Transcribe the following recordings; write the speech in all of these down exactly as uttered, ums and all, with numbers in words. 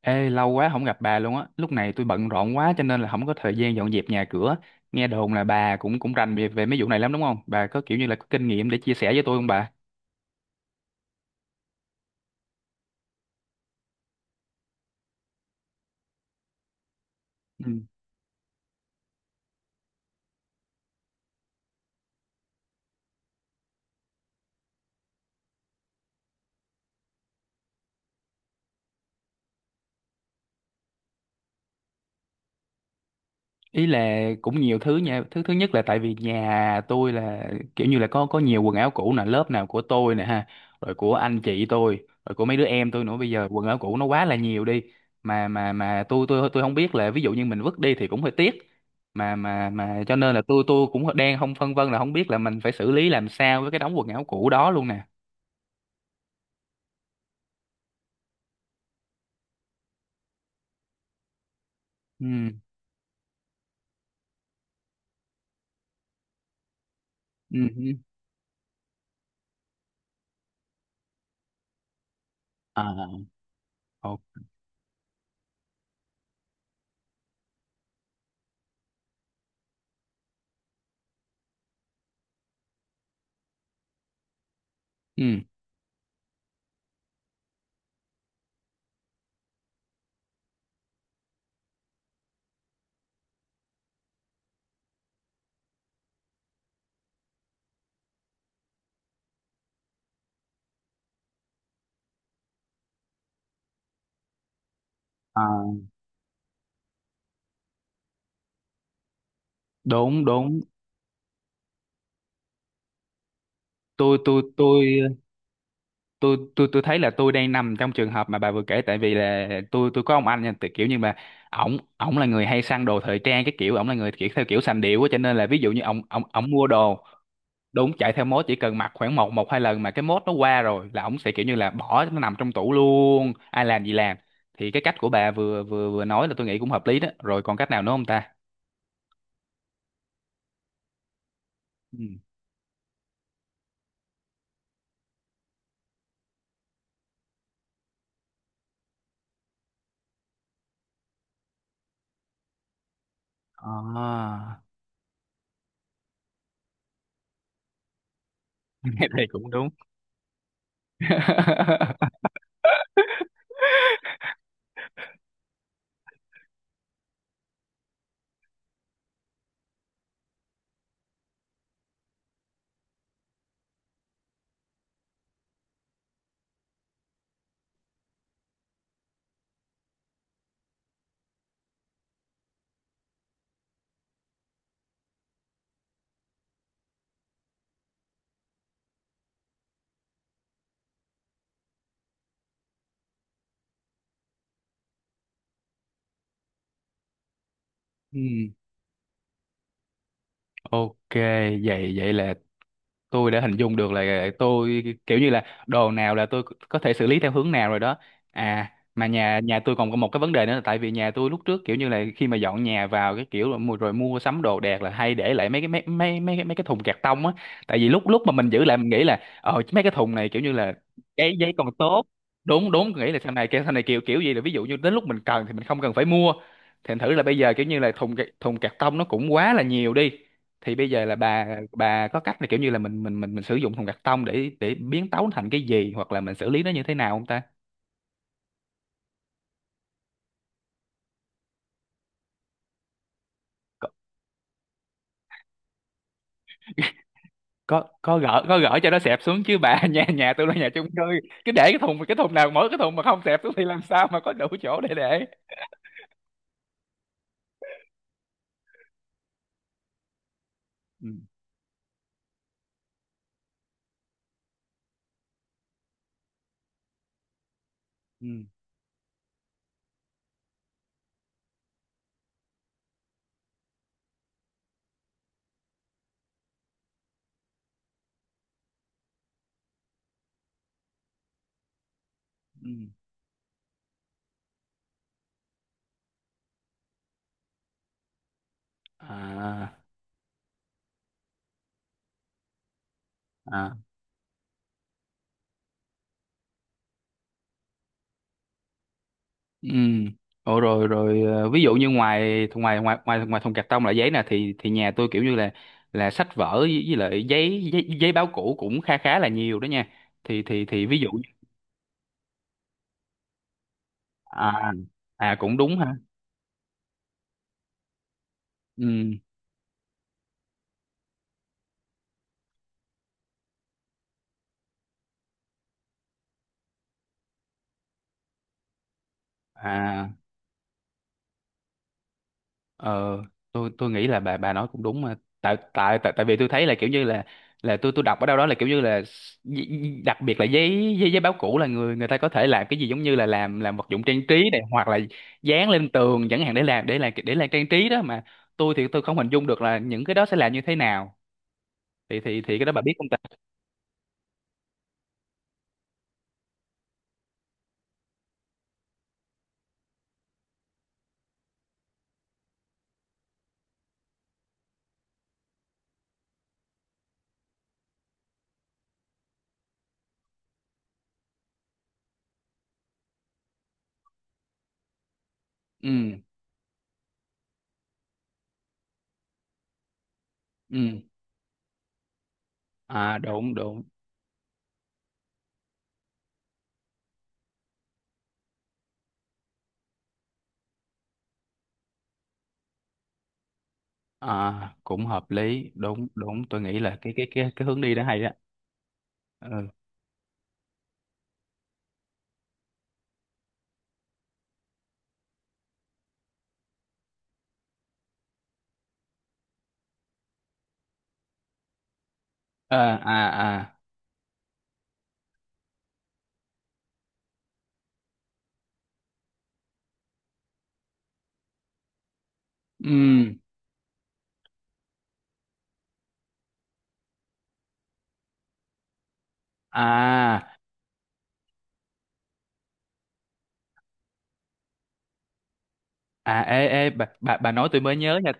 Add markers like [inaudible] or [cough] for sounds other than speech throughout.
Ê, lâu quá không gặp bà luôn á. Lúc này tôi bận rộn quá cho nên là không có thời gian dọn dẹp nhà cửa. Nghe đồn là bà cũng cũng rành về, về mấy vụ này lắm đúng không? Bà có kiểu như là có kinh nghiệm để chia sẻ với tôi không bà? Ừ. Ý là cũng nhiều thứ nha, thứ thứ nhất là tại vì nhà tôi là kiểu như là có có nhiều quần áo cũ nè, lớp nào của tôi nè ha, rồi của anh chị tôi, rồi của mấy đứa em tôi nữa, bây giờ quần áo cũ nó quá là nhiều đi, mà mà mà tôi tôi tôi không biết là ví dụ như mình vứt đi thì cũng hơi tiếc, mà mà mà cho nên là tôi tôi cũng đang không phân vân là không biết là mình phải xử lý làm sao với cái đống quần áo cũ đó luôn nè. Ừ ừ ừ. À. OK. Ừ. À, đúng đúng. Tôi tôi tôi tôi tôi tôi thấy là tôi đang nằm trong trường hợp mà bà vừa kể, tại vì là tôi tôi có ông anh nha, tại kiểu như mà ổng ổng là người hay săn đồ thời trang, cái kiểu ổng là người kiểu theo kiểu sành điệu á, cho nên là ví dụ như ổng ổng ổng mua đồ đúng chạy theo mốt, chỉ cần mặc khoảng một một hai lần mà cái mốt nó qua rồi là ổng sẽ kiểu như là bỏ nó nằm trong tủ luôn, ai làm gì làm. Thì cái cách của bà vừa vừa vừa nói là tôi nghĩ cũng hợp lý đó, rồi còn cách nào nữa không ta? Ừ. À. [laughs] Cái này cũng đúng. [laughs] Ừ. OK, vậy vậy là tôi đã hình dung được là tôi kiểu như là đồ nào là tôi có thể xử lý theo hướng nào rồi đó. À, mà nhà nhà tôi còn có một cái vấn đề nữa là tại vì nhà tôi lúc trước kiểu như là khi mà dọn nhà vào, cái kiểu là mua- rồi mua sắm đồ đạc là hay để lại mấy cái mấy mấy mấy cái- mấy cái thùng cạc tông á, tại vì lúc lúc mà mình giữ lại mình nghĩ là ờ mấy cái thùng này kiểu như là cái giấy còn tốt, đúng đúng, nghĩ là sau này sau này kiểu kiểu gì là ví dụ như đến lúc mình cần thì mình không cần phải mua, thành thử là bây giờ kiểu như là thùng cạc- thùng cạc tông nó cũng quá là nhiều đi. Thì bây giờ là bà bà có cách là kiểu như là mình mình mình mình sử dụng thùng cắt tông để để biến tấu thành cái gì hoặc là mình xử lý nó như thế nào không ta? Có có, có gỡ có gỡ cho nó xẹp xuống chứ bà. [laughs] nhà nhà tôi là nhà chung cư, cứ để cái thùng, cái thùng nào mỗi cái thùng mà không xẹp xuống thì làm sao mà có đủ chỗ để để. Ừ ừ ừ. À à. Ừ. Ồ, rồi rồi, ờ, ví dụ như ngoài ngoài ngoài ngoài ngoài thùng cạc tông là giấy nè, thì thì nhà tôi kiểu như là là sách vở với, với lại giấy, giấy, giấy báo cũ cũng khá khá là nhiều đó nha. Thì thì thì ví dụ… À. À cũng đúng ha. Ừ. À. Ờ, tôi tôi nghĩ là bà bà nói cũng đúng mà, tại tại tại tại vì tôi thấy là kiểu như là là tôi tôi đọc ở đâu đó là kiểu như là gi- đặc biệt là giấy giấy giấy báo cũ là người người ta có thể làm cái gì giống như là làm làm vật dụng trang trí này, hoặc là dán lên tường chẳng hạn để làm để làm để làm trang trí đó mà. Tôi thì tôi không hình dung được là những cái đó sẽ làm như thế nào. Thì thì thì cái đó bà biết không ta? Ừ ừ. À đúng đúng. À cũng hợp lý, đúng đúng, tôi nghĩ là cái cái cái cái hướng đi đó hay đó. Ừ. À à à. Ừ. À à. Ê ê bà bà, bà nói tôi mới nhớ nha.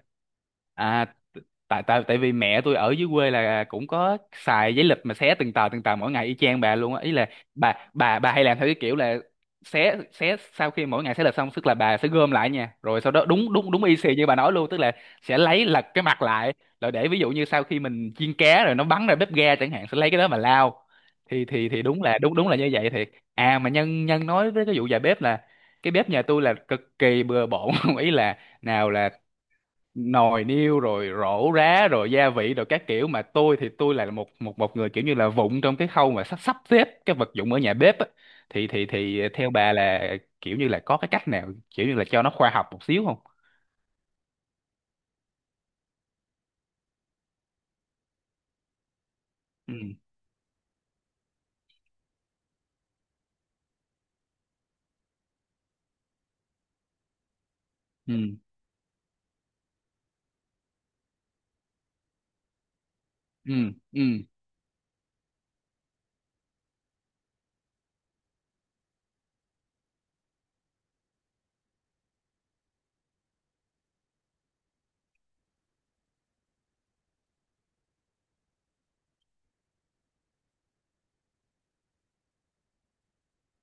À t- tại tại tại vì mẹ tôi ở dưới quê là cũng có xài giấy lịch mà xé từng tờ từng tờ mỗi ngày y chang bà luôn á, ý là bà bà bà hay làm theo cái kiểu là xé xé sau khi mỗi ngày xé lịch xong, tức là bà sẽ gom lại nha, rồi sau đó đúng đúng đúng y xì như bà nói luôn, tức là sẽ lấy lật cái mặt lại, rồi để ví dụ như sau khi mình chiên cá rồi nó bắn ra bếp ga chẳng hạn sẽ lấy cái đó mà lao. Thì thì thì đúng là đúng đúng là như vậy thiệt. À mà nhân nhân nói với cái vụ dài bếp là cái bếp nhà tôi là cực kỳ bừa bộn. [laughs] Ý là nào là nồi niêu, rồi rổ rá, rồi gia vị rồi các kiểu, mà tôi thì tôi là một một một người kiểu như là vụng trong cái khâu mà sắp sắp xếp cái vật dụng ở nhà bếp á. thì thì thì theo bà là kiểu như là có cái cách nào kiểu như là cho nó khoa học một xíu không? Ừ ừ ừ ừ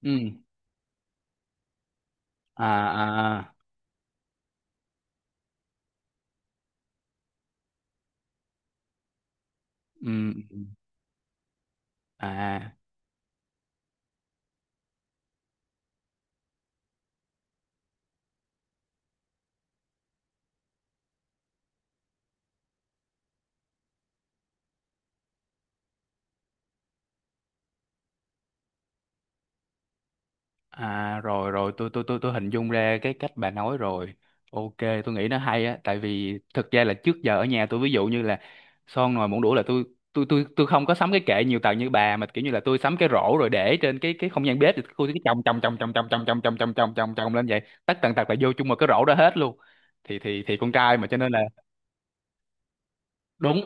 ừ. À à. Ừ ừ. À. À rồi rồi, tôi tôi tôi tôi hình dung ra cái cách bà nói rồi. OK, tôi nghĩ nó hay á, tại vì thực ra là trước giờ ở nhà tôi ví dụ như là son nồi muỗng đũa là tôi tôi tôi tôi không có sắm cái kệ nhiều tầng như bà, mà kiểu như là tôi sắm cái rổ rồi để trên cái cái không gian bếp, thì tôi cứ chồng chồng chồng chồng chồng chồng chồng chồng chồng chồng chồng chồng lên vậy, tất tần tật là vô chung một cái rổ đó hết luôn. Thì thì thì con trai mà cho nên là đúng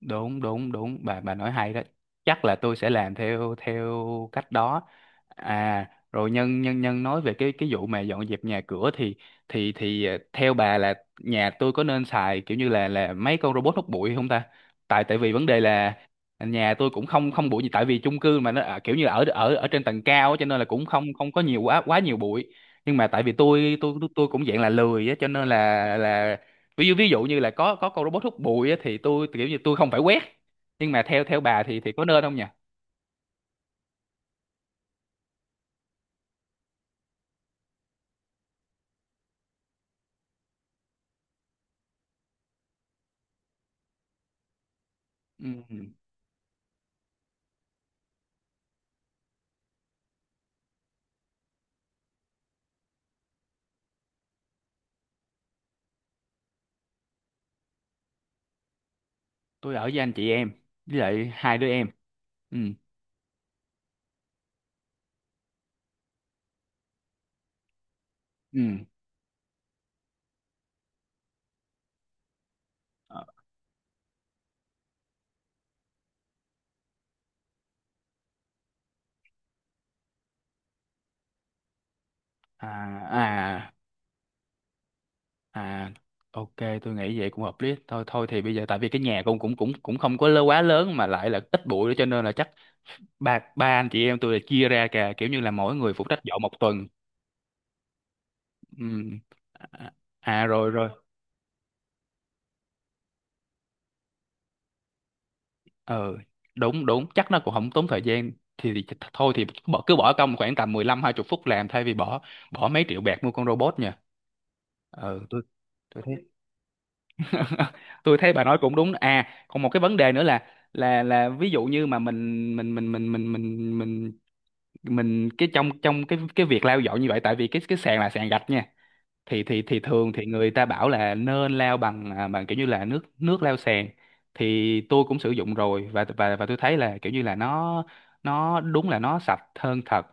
đúng đúng đúng bà bà nói hay đó, chắc là tôi sẽ làm theo theo cách đó. À rồi nhân nhân nhân nói về cái cái vụ mà dọn dẹp nhà cửa thì thì thì ờ, theo bà là nhà tôi có nên xài kiểu như là là mấy con robot hút bụi không ta? Tại tại vì vấn đề là nhà tôi cũng không không bụi gì, tại vì chung cư mà nó ở- kiểu như là ở ở ở trên tầng cao á, cho nên là cũng không không có nhiều quá quá nhiều bụi, nhưng mà tại vì tôi tôi tôi, tôi cũng dạng là lười á cho nên là là ví dụ ví dụ như là có có con robot hút bụi á, thì tôi kiểu như tôi không phải quét, nhưng mà theo theo bà thì thì có nên không nhỉ? Ừ. Ừ. Tôi ở với anh chị em với lại hai đứa em. Ừ ừ. Ờ. À à à. OK, tôi nghĩ vậy cũng hợp lý thôi, thôi thì bây giờ tại vì cái nhà cũng cũng cũng cũng không có lớ- quá lớn, mà lại là ít bụi nữa cho nên là chắc ba ba anh chị em tôi là chia ra cả kiểu như là mỗi người phụ trách dọn một tuần. Ừ. À, à, à, rồi rồi ờ đúng đúng chắc nó cũng không tốn thời gian. Thì, thì th- thôi thì bỏ cứ bỏ công khoảng tầm mười lăm hai 20 phút làm thay vì bỏ bỏ mấy triệu bạc mua con robot nha. Ờ tôi tôi thấy. [laughs] Tôi thấy bà nói cũng đúng. À còn một cái vấn đề nữa là là là ví dụ như mà mình mình mình mình mình mình mình mình cái trong trong cái cái việc lau dọn như vậy tại vì cái cái sàn là sàn gạch nha, thì thì thì thường thì người ta bảo là nên lao bằng à, bằng kiểu như là nước nước lao sàn. Thì tôi cũng sử dụng rồi, và và và tôi thấy là kiểu như là nó nó đúng là nó sạch hơn thật,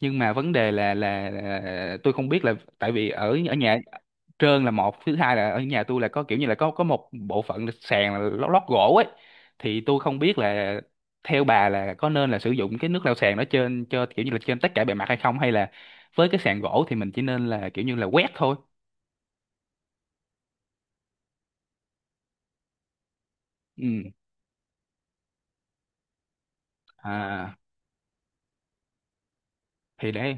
nhưng mà vấn đề là là, là tôi không biết là tại vì ở ở nhà trơn là một, thứ hai là ở nhà tôi là có kiểu như là có có một bộ phận là sàn là lót, lót gỗ ấy, thì tôi không biết là theo bà là có nên là sử dụng cái nước lau sàn đó trên cho kiểu như là trên tất cả bề mặt hay không, hay là với cái sàn gỗ thì mình chỉ nên là kiểu như là quét thôi. Ừ. À. Thì đấy.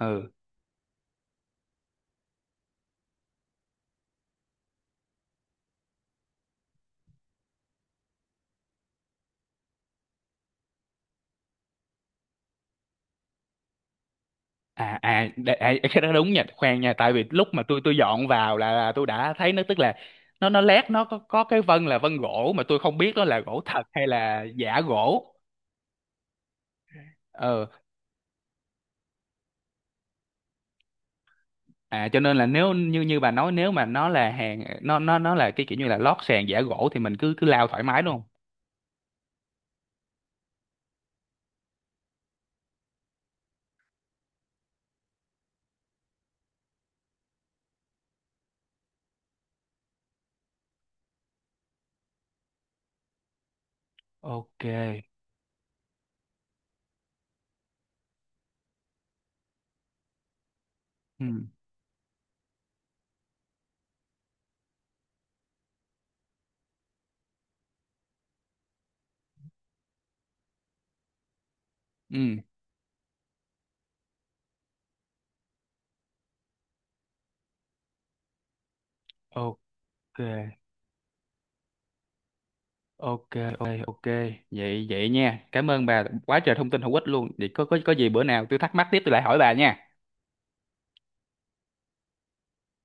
Ừ. À à, đ- à cái đó đúng nha, khoan nha, tại vì lúc mà tôi tôi dọn vào là, là tôi đã thấy nó tức là nó nó lét nó có, có cái vân là vân gỗ mà tôi không biết nó là gỗ thật hay là giả gỗ. Ờ. À cho nên là nếu như như bà nói nếu mà nó là hàng nó nó nó là cái kiểu như là lót sàn giả gỗ thì mình cứ cứ lao thoải mái đúng không? OK. Ừ ừ. OK ok ok ok vậy vậy nha, cảm ơn bà quá trời thông tin hữu ích luôn, vậy có có có gì bữa nào tôi thắc mắc tiếp tôi lại hỏi bà nha.